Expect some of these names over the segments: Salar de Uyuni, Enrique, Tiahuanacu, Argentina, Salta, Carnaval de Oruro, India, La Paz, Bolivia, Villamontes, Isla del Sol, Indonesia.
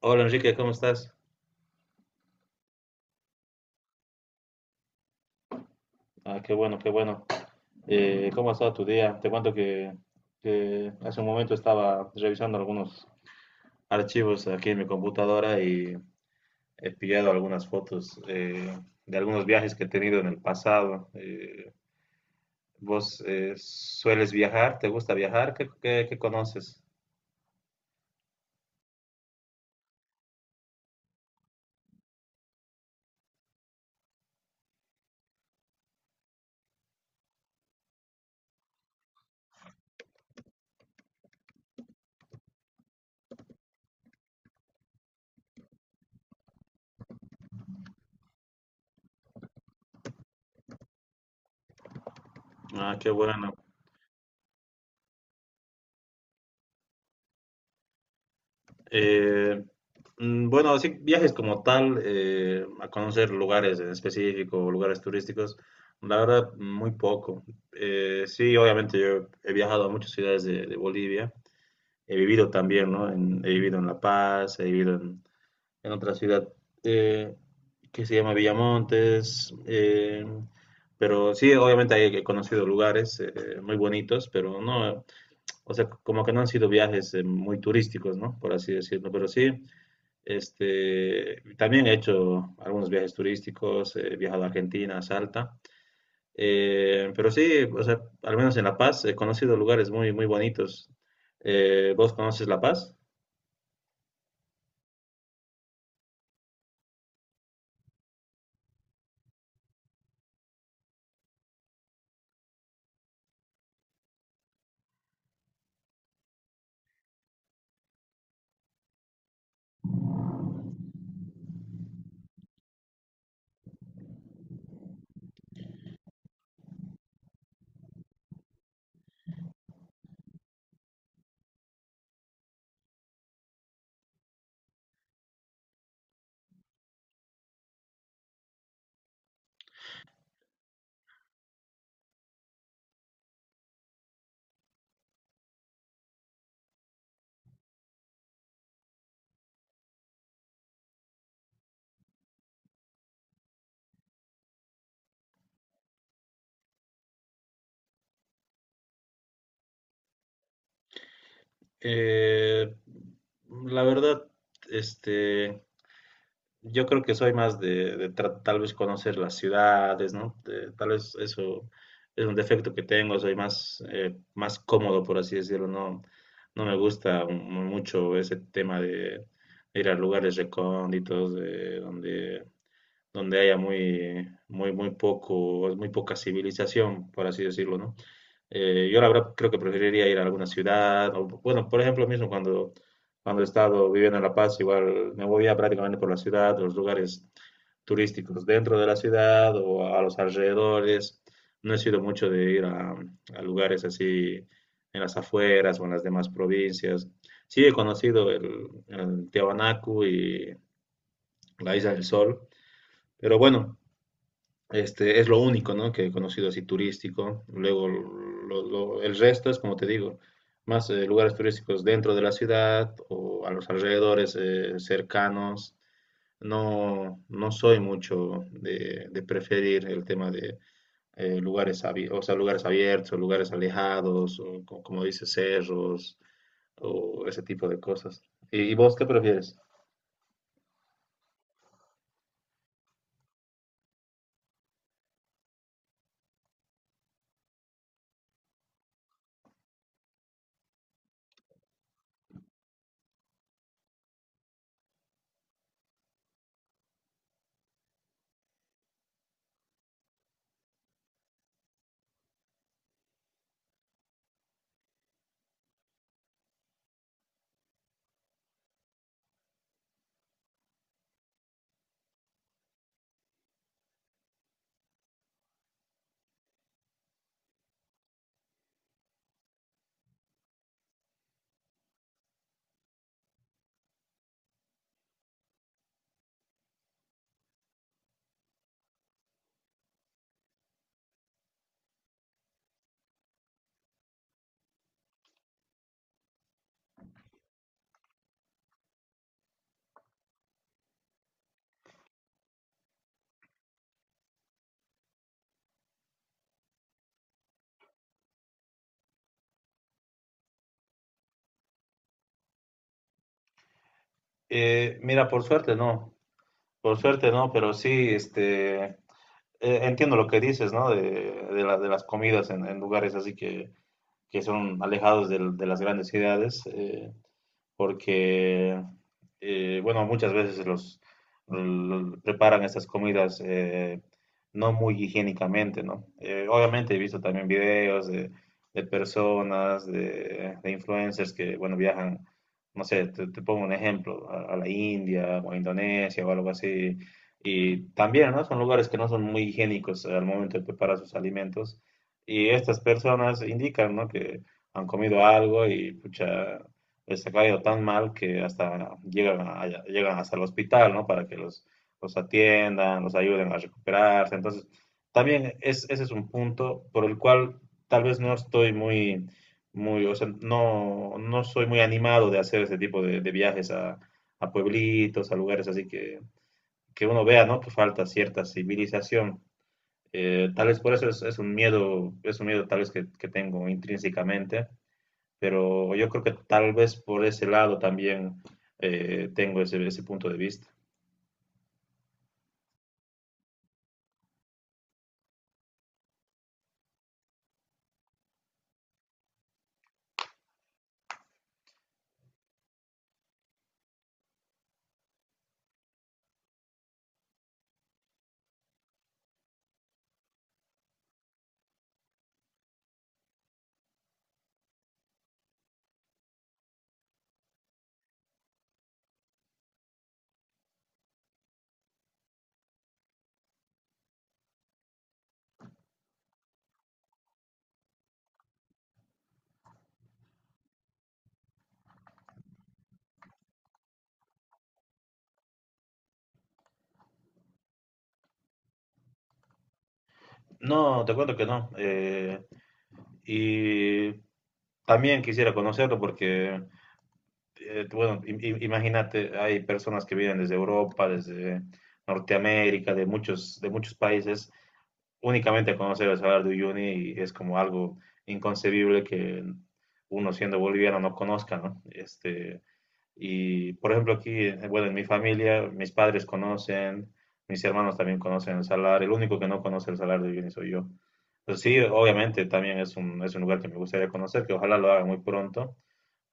Hola Enrique, ¿cómo estás? Ah, qué bueno, qué bueno. ¿Cómo ha estado tu día? Te cuento que hace un momento estaba revisando algunos archivos aquí en mi computadora y he pillado algunas fotos de algunos viajes que he tenido en el pasado. ¿Vos sueles viajar? ¿Te gusta viajar? Qué conoces? Ah, qué bueno. Eh, bueno, así viajes como tal, a conocer lugares en específico, lugares turísticos, la verdad, muy poco. Sí, obviamente yo he viajado a muchas ciudades de Bolivia, he vivido también, ¿no? He vivido en La Paz, he vivido en otra ciudad eh, que se llama Villamontes, pero sí, obviamente ahí he conocido lugares muy bonitos, pero no, o sea, como que no han sido viajes muy turísticos, ¿no? Por así decirlo, pero sí. Este, también he hecho algunos viajes turísticos, he viajado a Argentina, a Salta. Pero sí, o sea, al menos en La Paz he conocido lugares muy, muy bonitos. ¿Vos conoces La Paz? Eh, la verdad, este, yo creo que soy más de tal vez conocer las ciudades, ¿no? Tal vez eso es un defecto que tengo, soy más, más cómodo, por así decirlo, no, no me gusta mucho ese tema de ir a lugares recónditos, de donde haya muy, muy, muy poco, muy poca civilización, por así decirlo, ¿no? Yo la verdad creo que preferiría ir a alguna ciudad. O, bueno, por ejemplo, mismo cuando he estado viviendo en La Paz, igual me movía prácticamente por la ciudad, los lugares turísticos dentro de la ciudad o a los alrededores. No he sido mucho de ir a lugares así en las afueras o en las demás provincias. Sí he conocido el Tiahuanacu y la Isla del Sol, pero bueno, este, es lo único, ¿no? Que he conocido así turístico. Luego, el resto es, como te digo, más lugares turísticos dentro de la ciudad o a los alrededores cercanos. No, no soy mucho de preferir el tema de lugares, o sea, lugares abiertos o lugares alejados, o como dice, cerros o ese tipo de cosas. Y vos qué prefieres? Mira, por suerte no, pero sí, entiendo lo que dices, ¿no? De las comidas en lugares así que son alejados de las grandes ciudades. Porque, bueno, muchas veces preparan estas comidas no muy higiénicamente, ¿no? Obviamente he visto también videos de personas, de influencers que, bueno, viajan, no sé, te pongo un ejemplo, a la India o a Indonesia o algo así, y también, ¿no? Son lugares que no son muy higiénicos al momento de preparar sus alimentos, y estas personas indican, ¿no? Que han comido algo y pucha, pues, ha caído tan mal que hasta llegan hasta el hospital, ¿no? Para que los atiendan, los ayuden a recuperarse. Entonces, también es, ese es un punto por el cual tal vez no estoy muy, muy, o sea, no, no soy muy animado de hacer ese tipo de viajes a pueblitos, a lugares así que uno vea, ¿no? Que falta cierta civilización. Tal vez por eso es un miedo tal vez que tengo intrínsecamente, pero yo creo que tal vez por ese lado también tengo ese, ese punto de vista. No, te cuento que no. Y también quisiera conocerlo porque, bueno, imagínate, hay personas que vienen desde Europa, desde Norteamérica, de muchos países, únicamente a conocer el Salar de Uyuni y es como algo inconcebible que uno siendo boliviano no conozca, ¿no? Este, y, por ejemplo, aquí, bueno, en mi familia, mis padres conocen, mis hermanos también conocen el salar, el único que no conoce el salar de Uyuni soy yo. Pues sí, obviamente también es un lugar que me gustaría conocer, que ojalá lo haga muy pronto,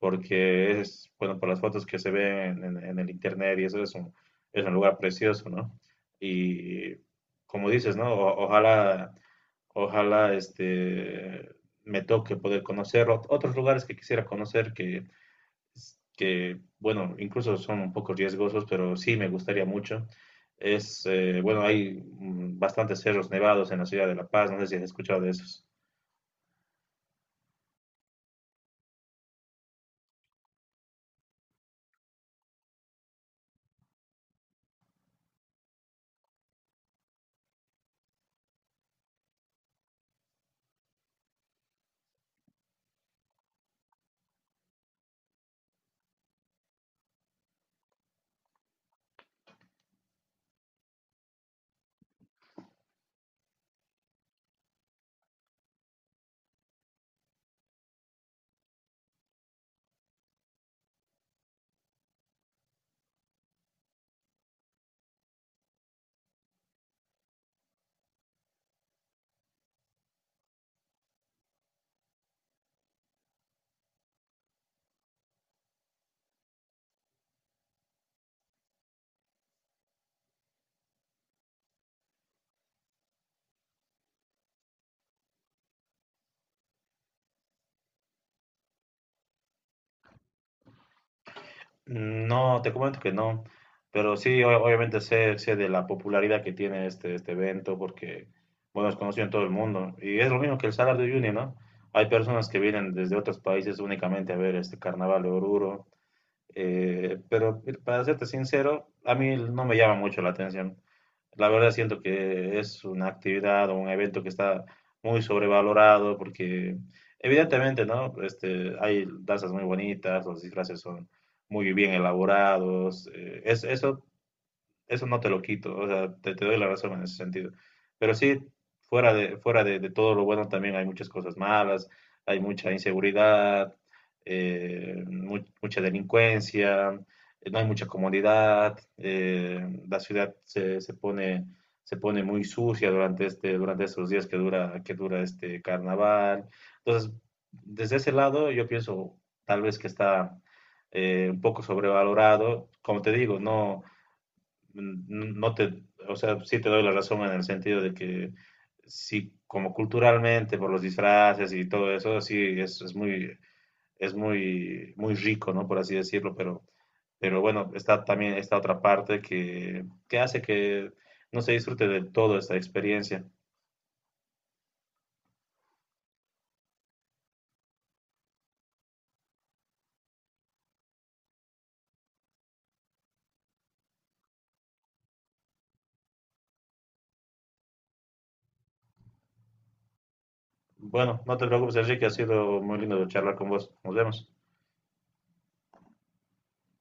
porque es, bueno, por las fotos que se ven en el internet y eso es un lugar precioso, ¿no? Y como dices, ¿no? Ojalá, ojalá este, me toque poder conocer otros lugares que quisiera conocer que, bueno, incluso son un poco riesgosos, pero sí me gustaría mucho. Es, bueno, hay bastantes cerros nevados en la ciudad de La Paz, no sé si has escuchado de esos. No, te comento que no, pero sí, obviamente sé, sé de la popularidad que tiene este, este evento porque, bueno, es conocido en todo el mundo. Y es lo mismo que el Salar de Uyuni, ¿no? Hay personas que vienen desde otros países únicamente a ver este Carnaval de Oruro, pero para serte sincero, a mí no me llama mucho la atención. La verdad siento que es una actividad o un evento que está muy sobrevalorado porque evidentemente, ¿no? Este, hay danzas muy bonitas, los disfraces son muy bien elaborados, es, eso eso no te lo quito, o sea, te doy la razón en ese sentido. Pero sí, fuera de todo lo bueno también hay muchas cosas malas, hay mucha inseguridad, mucha delincuencia, no hay mucha comodidad, la ciudad se pone muy sucia durante este, durante estos días que dura este carnaval. Entonces, desde ese lado yo pienso tal vez que está un poco sobrevalorado. Como te digo, no, no o sea, sí te doy la razón en el sentido de que sí, como culturalmente, por los disfraces y todo eso, sí, es muy, muy rico, ¿no? Por así decirlo, pero bueno, está también esta otra parte que hace que no se disfrute de toda esta experiencia. Bueno, no te preocupes, Enrique, ha sido muy lindo charlar con vos. Nos vemos.